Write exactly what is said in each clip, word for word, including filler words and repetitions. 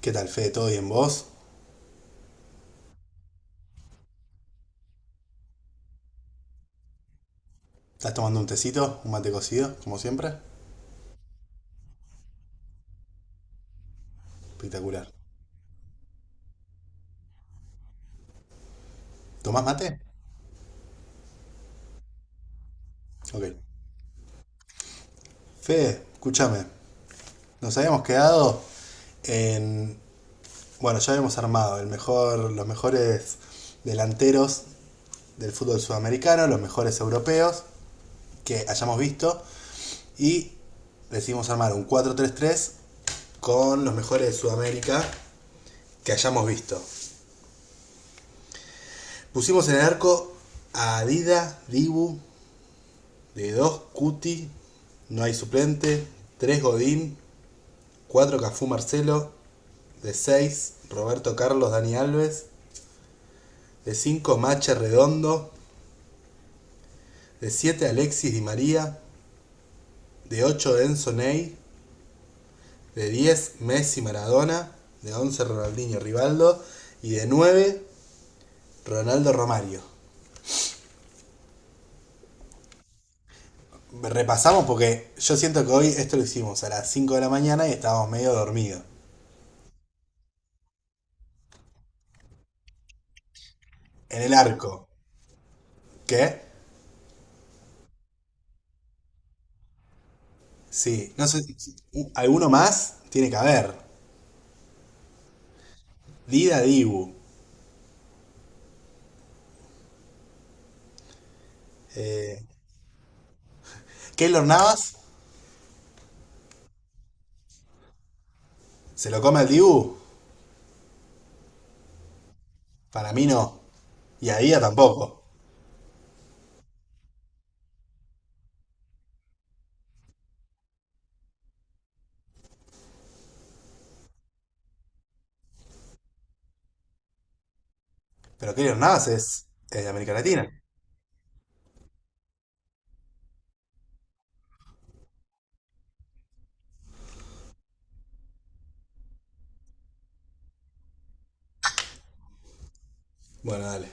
¿Qué tal, Fede? ¿Todo bien vos? ¿Estás tomando un tecito? ¿Un mate cocido? Como siempre. Espectacular. ¿Tomás mate? Ok. Fede, escúchame. Nos habíamos quedado en... Bueno, ya habíamos armado el mejor, los mejores delanteros del fútbol sudamericano, los mejores europeos que hayamos visto. Y decidimos armar un cuatro tres-tres con los mejores de Sudamérica que hayamos visto. Pusimos en el arco a Adida, Dibu, de dos Cuti, no hay suplente. Tres Godín, cuatro Cafú Marcelo. De seis Roberto Carlos Dani Alves. De cinco Mache Redondo. De siete Alexis Di María. De ocho Enzo Ney. De diez Messi Maradona. De once Ronaldinho Rivaldo. Y de nueve Ronaldo Romario. Repasamos porque yo siento que hoy esto lo hicimos a las cinco de la mañana y estábamos medio dormidos. En el arco. ¿Qué? Sí, no sé, si- si, u- alguno más tiene que haber. Dida Dibu. Eh, Keylor Navas se lo come al Dibu. Para mí no. Y a Dida tampoco. Pero Keylor Navas es, es de América Latina. Bueno, dale.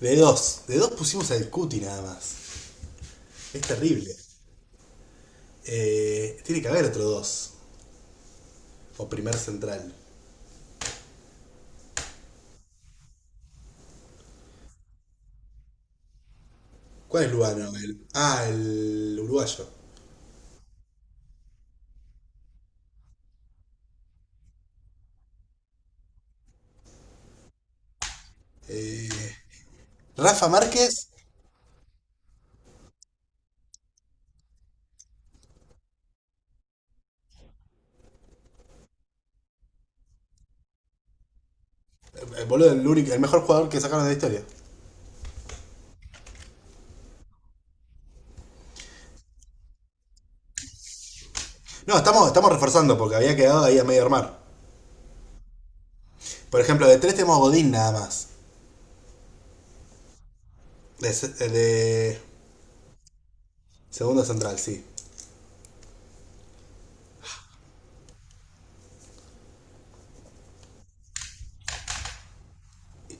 De dos. De dos pusimos al Cuti nada más. Es terrible. Eh, tiene que haber otro dos. O primer central. ¿Cuál es Lugano? El- ah, el uruguayo. Rafa Márquez. eh, Boludo, el, único- el mejor jugador que sacaron de la historia. No, estamos, estamos reforzando porque había quedado ahí a medio armar. Por ejemplo, de tres tenemos Godín nada más. De, de segundo central, sí.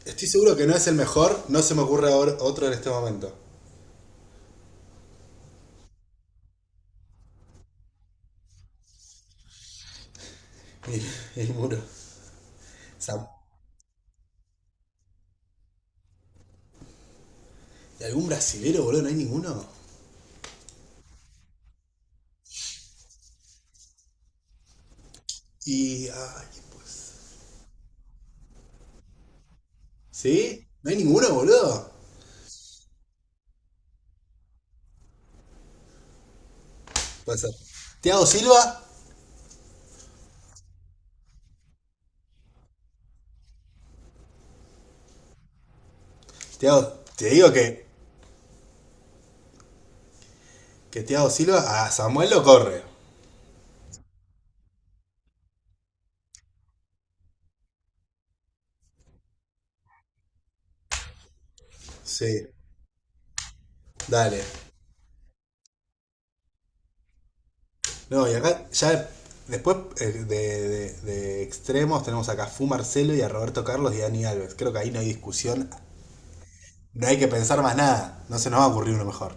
Estoy seguro que no es el mejor, no se me ocurre ahora otro en este momento. Y el muro. Sa- ¿Y algún brasilero, boludo? ¿No hay ninguno? Y. Ay, pues. ¿Sí? ¿No hay ninguno, boludo? Puede ser. ¿Tiago Silva? Thiago- te digo que, que thiago Silva a Samuel lo corre. Sí, dale. No, y acá ya después eh, de, de- de extremos tenemos acá a Fu Marcelo y a Roberto Carlos y a Dani Alves. Creo que ahí no hay discusión. No hay que pensar más nada. No se nos va a ocurrir uno mejor.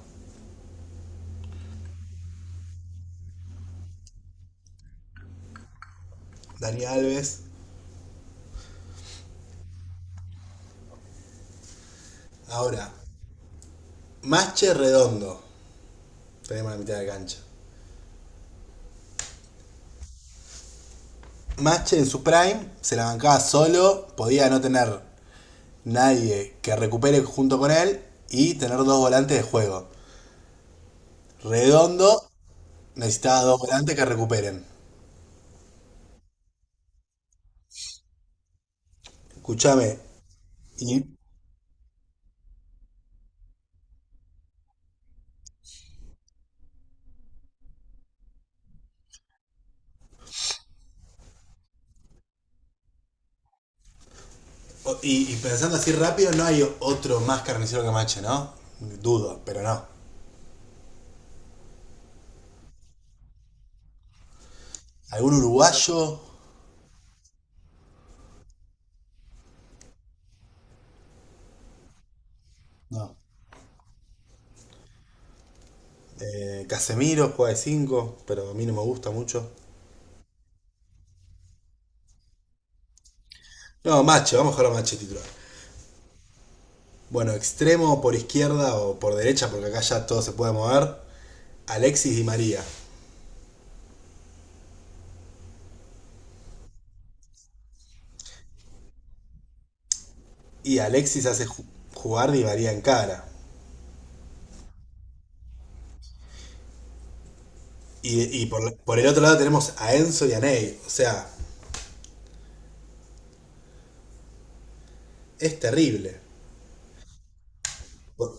Dani Alves. Ahora, Mache Redondo. Tenemos la mitad de cancha. Mache en su prime se la bancaba solo. Podía no tener nadie que recupere junto con él y tener dos volantes de juego. Redondo necesitaba dos volantes que recuperen. Escúchame. Y Y, y pensando así rápido, no hay otro más carnicero que Mache, ¿no? Dudo, pero no. ¿Algún uruguayo? No. Eh, Casemiro juega de cinco pero a mí no me gusta mucho. No, Mache, vamos a jugar a Mache titular. Bueno, extremo por izquierda o por derecha, porque acá ya todo se puede mover. Alexis y María. Y Alexis hace ju- jugar Di María en cara. Y, y por, por el otro lado tenemos a Enzo y a Ney. O sea, es terrible. Por-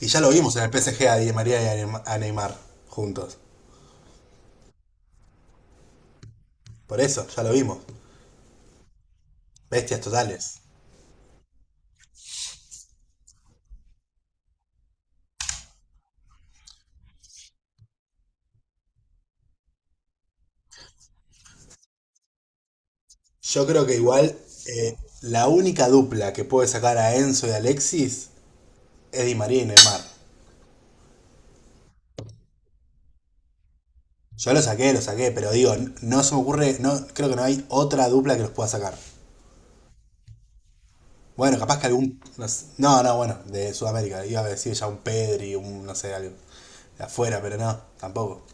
Y ya lo vimos en el P S G a Di María y a Neymar juntos. Por eso, ya lo vimos. Bestias totales. Yo creo que igual eh, la única dupla que puede sacar a Enzo y a Alexis es Di María y Neymar. Yo lo saqué, lo saqué, pero digo, no se me ocurre, no, creo que no hay otra dupla que los pueda sacar. Bueno, capaz que algún. No, sé- no, no, bueno, de Sudamérica. Iba a decir ya un Pedri, un no sé, algo de afuera, pero no, tampoco.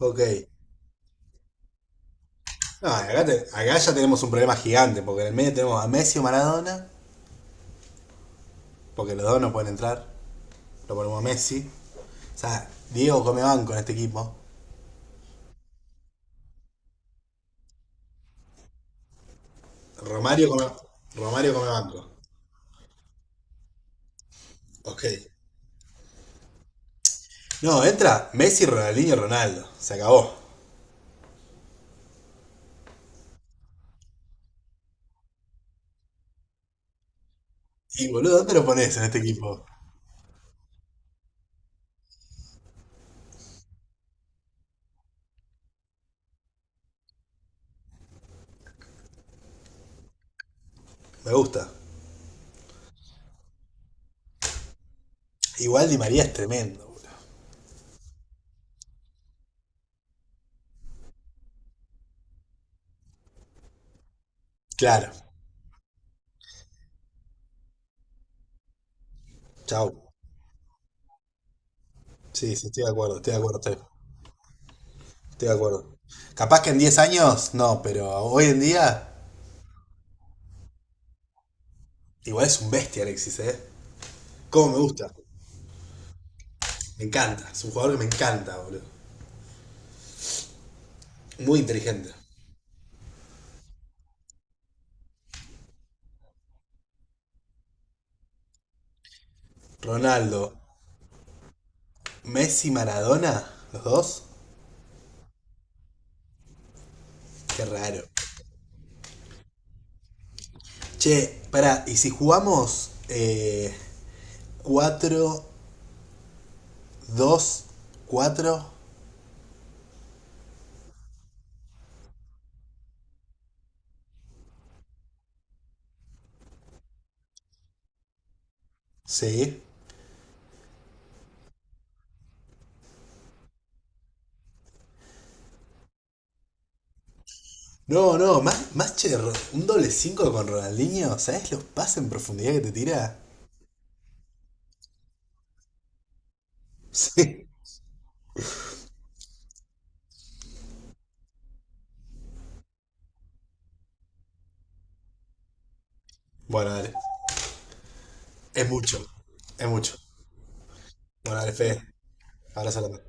Ok, no, acá, te- acá ya tenemos un problema gigante, porque en el medio tenemos a Messi o Maradona, porque los dos no pueden entrar. Lo ponemos a Messi. O sea, Diego come banco en este equipo. Romario come, Romario come banco. Ok. No, entra Messi, Ronaldinho, Ronaldo. Se acabó. Y boludo, ¿dónde lo pones en este equipo? Me gusta. Igual Di María es tremendo, boludo. Claro. Chau. Sí, sí, estoy de acuerdo, estoy de acuerdo, estoy, estoy de acuerdo. Capaz que en diez años, no, pero hoy en día, igual es un bestia Alexis, ¿eh? Cómo me gusta. Me encanta. Es un jugador que me encanta, boludo. Muy inteligente. Ronaldo, Messi, Maradona, los dos. Qué raro. Che, pará, ¿y si jugamos eh, cuatro, dos, cuatro? Sí. No, no, más, más che, un doble cinco con Ronaldinho. ¿Sabes los pases en profundidad que te tira? Sí. Bueno, dale. Es mucho. Es mucho. Bueno, dale, Fede. Abrazo grande.